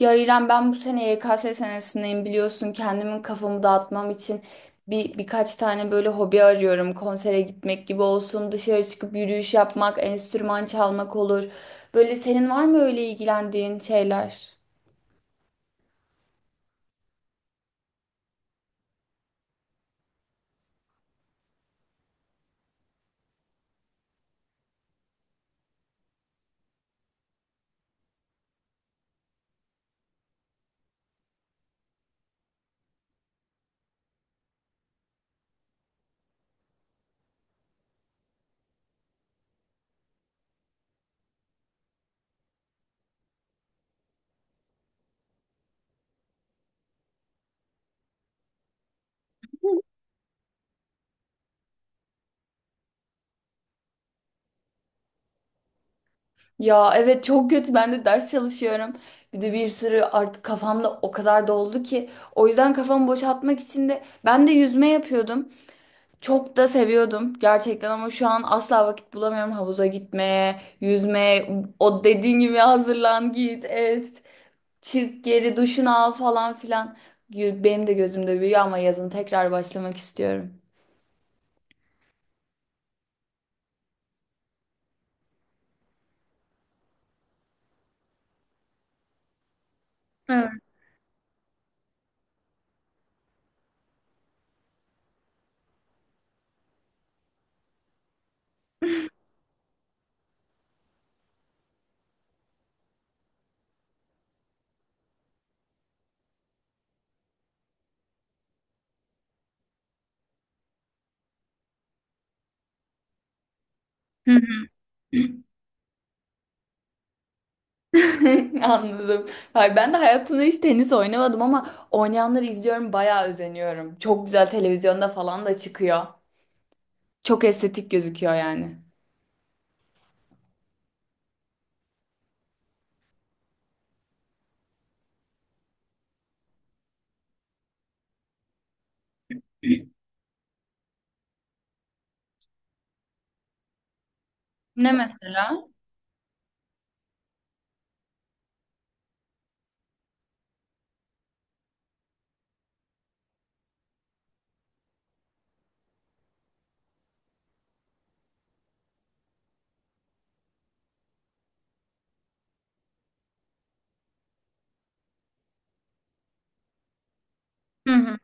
Ya İrem ben bu sene YKS senesindeyim biliyorsun kendimin kafamı dağıtmam için birkaç tane böyle hobi arıyorum. Konsere gitmek gibi olsun, dışarı çıkıp yürüyüş yapmak, enstrüman çalmak olur. Böyle senin var mı öyle ilgilendiğin şeyler? Ya evet, çok kötü, ben de ders çalışıyorum. Bir de bir sürü artık kafamda o kadar doldu ki o yüzden kafamı boşaltmak için de ben de yüzme yapıyordum. Çok da seviyordum gerçekten ama şu an asla vakit bulamıyorum havuza gitmeye, yüzmeye, o dediğin gibi hazırlan git et, çık geri duşunu al falan filan. Benim de gözümde büyüyor ama yazın tekrar başlamak istiyorum. Evet. Anladım. Ay, ben de hayatımda hiç tenis oynamadım ama oynayanları izliyorum, bayağı özeniyorum. Çok güzel, televizyonda falan da çıkıyor. Çok estetik gözüküyor yani. Ne mesela? Hı hı.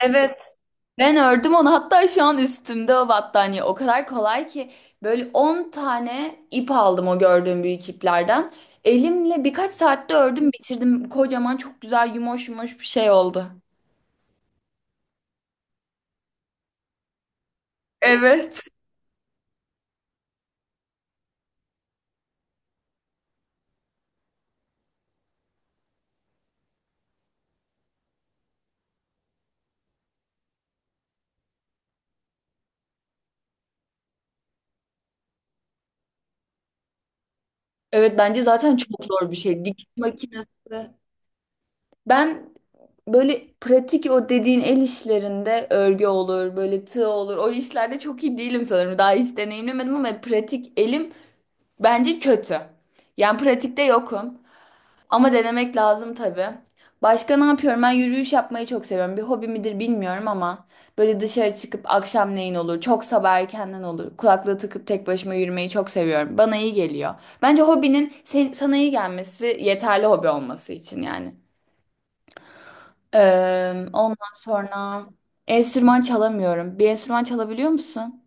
Evet. Ben ördüm onu. Hatta şu an üstümde o battaniye. O kadar kolay ki böyle 10 tane ip aldım o gördüğüm büyük iplerden. Elimle birkaç saatte ördüm, bitirdim. Kocaman, çok güzel, yumuş yumuş bir şey oldu. Evet. Evet, bence zaten çok zor bir şey. Dikiş makinesi. Ben böyle pratik, o dediğin el işlerinde örgü olur, böyle tığ olur. O işlerde çok iyi değilim sanırım. Daha hiç deneyimlemedim ama pratik elim bence kötü. Yani pratikte yokum. Ama denemek lazım tabii. Başka ne yapıyorum? Ben yürüyüş yapmayı çok seviyorum. Bir hobi midir bilmiyorum ama böyle dışarı çıkıp akşamleyin olur, çok sabah erkenden olur. Kulaklığı takıp tek başıma yürümeyi çok seviyorum. Bana iyi geliyor. Bence hobinin sana iyi gelmesi yeterli hobi olması için yani. Ondan sonra enstrüman çalamıyorum. Bir enstrüman çalabiliyor musun?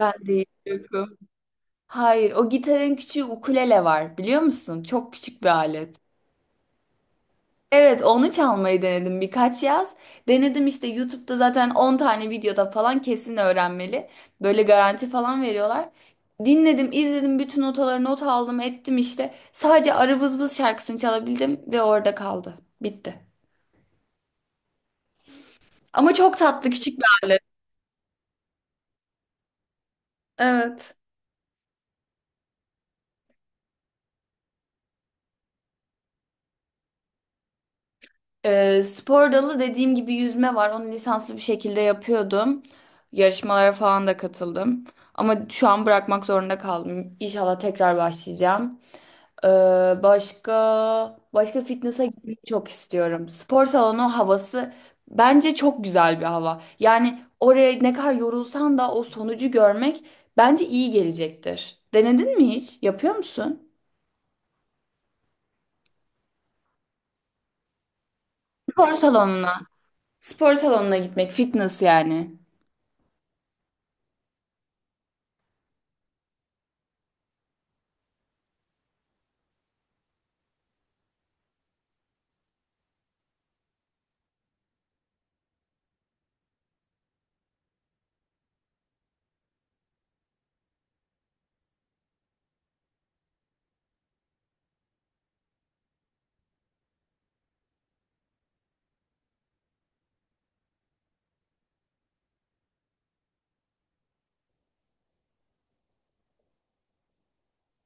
Ben de hiç yokum. Hayır, o gitarın küçüğü ukulele var biliyor musun? Çok küçük bir alet. Evet, onu çalmayı denedim birkaç yaz. Denedim işte, YouTube'da zaten 10 tane videoda falan kesin öğrenmeli. Böyle garanti falan veriyorlar. Dinledim, izledim, bütün notaları not aldım, ettim işte. Sadece Arı Vız Vız şarkısını çalabildim ve orada kaldı. Bitti. Ama çok tatlı küçük bir alet. Evet. Spor dalı dediğim gibi yüzme var. Onu lisanslı bir şekilde yapıyordum. Yarışmalara falan da katıldım. Ama şu an bırakmak zorunda kaldım. İnşallah tekrar başlayacağım. Ee, başka başka fitness'a gitmeyi çok istiyorum. Spor salonu havası bence çok güzel bir hava. Yani oraya ne kadar yorulsan da o sonucu görmek bence iyi gelecektir. Denedin mi hiç? Yapıyor musun? Spor salonuna. Spor salonuna gitmek, fitness yani.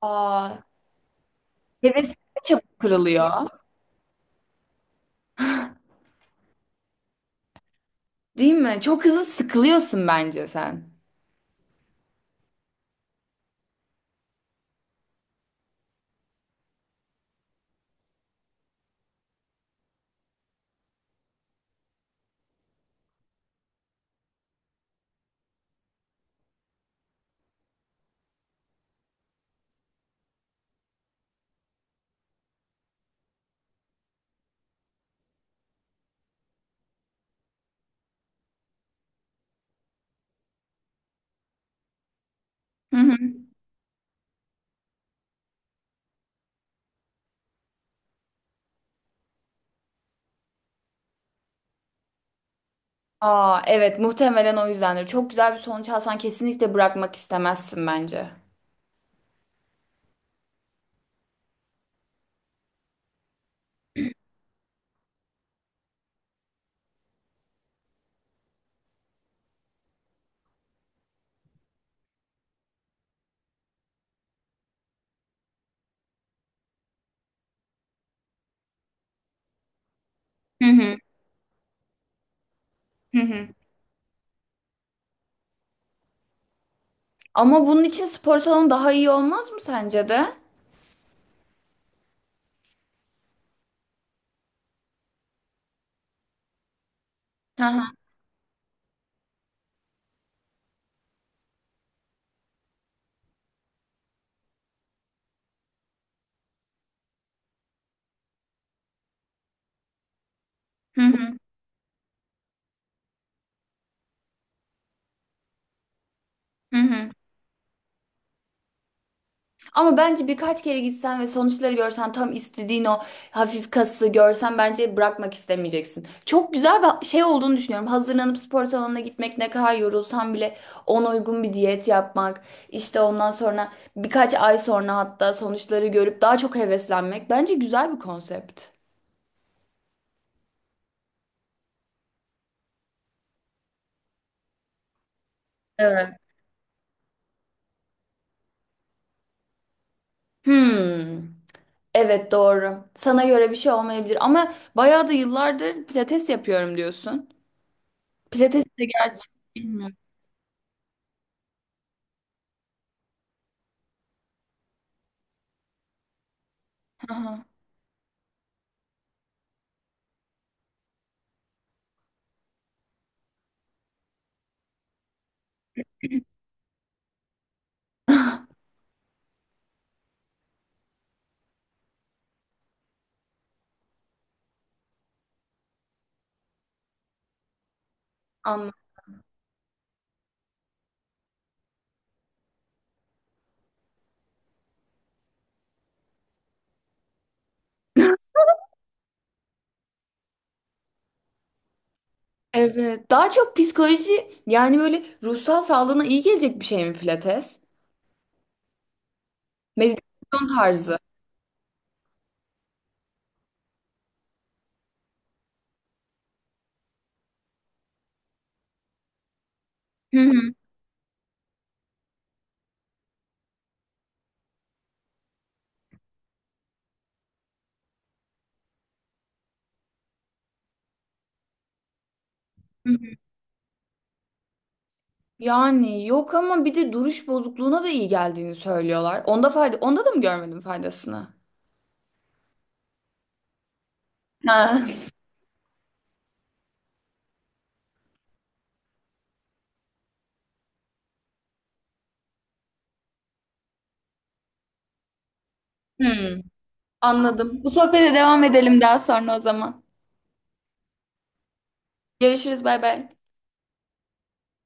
Aa, heves çabuk kırılıyor. Değil mi? Çok hızlı sıkılıyorsun bence sen. Hı hı. Aa, evet, muhtemelen o yüzdendir. Çok güzel bir sonuç alsan kesinlikle bırakmak istemezsin bence. Hı hı. Hı hı. Ama bunun için spor salonu daha iyi olmaz mı sence de? Hı hı. Hı hı. Hı hı. Ama bence birkaç kere gitsen ve sonuçları görsen, tam istediğin o hafif kası görsen, bence bırakmak istemeyeceksin. Çok güzel bir şey olduğunu düşünüyorum. Hazırlanıp spor salonuna gitmek, ne kadar yorulsan bile ona uygun bir diyet yapmak, işte ondan sonra birkaç ay sonra hatta sonuçları görüp daha çok heveslenmek. Bence güzel bir konsept. Evet. Hmm. Evet, doğru. Sana göre bir şey olmayabilir ama bayağı da yıllardır pilates yapıyorum diyorsun. Pilates de gerçi bilmiyorum. Aha. Anladım. Evet. Daha çok psikoloji, yani böyle ruhsal sağlığına iyi gelecek bir şey mi pilates? Meditasyon tarzı. Hı hı. Hı hı. Yani yok ama bir de duruş bozukluğuna da iyi geldiğini söylüyorlar. Onda fayda, onda da mı görmedim faydasını? Ha. Hmm, anladım. Bu sohbete devam edelim daha sonra o zaman. Görüşürüz, bay bay.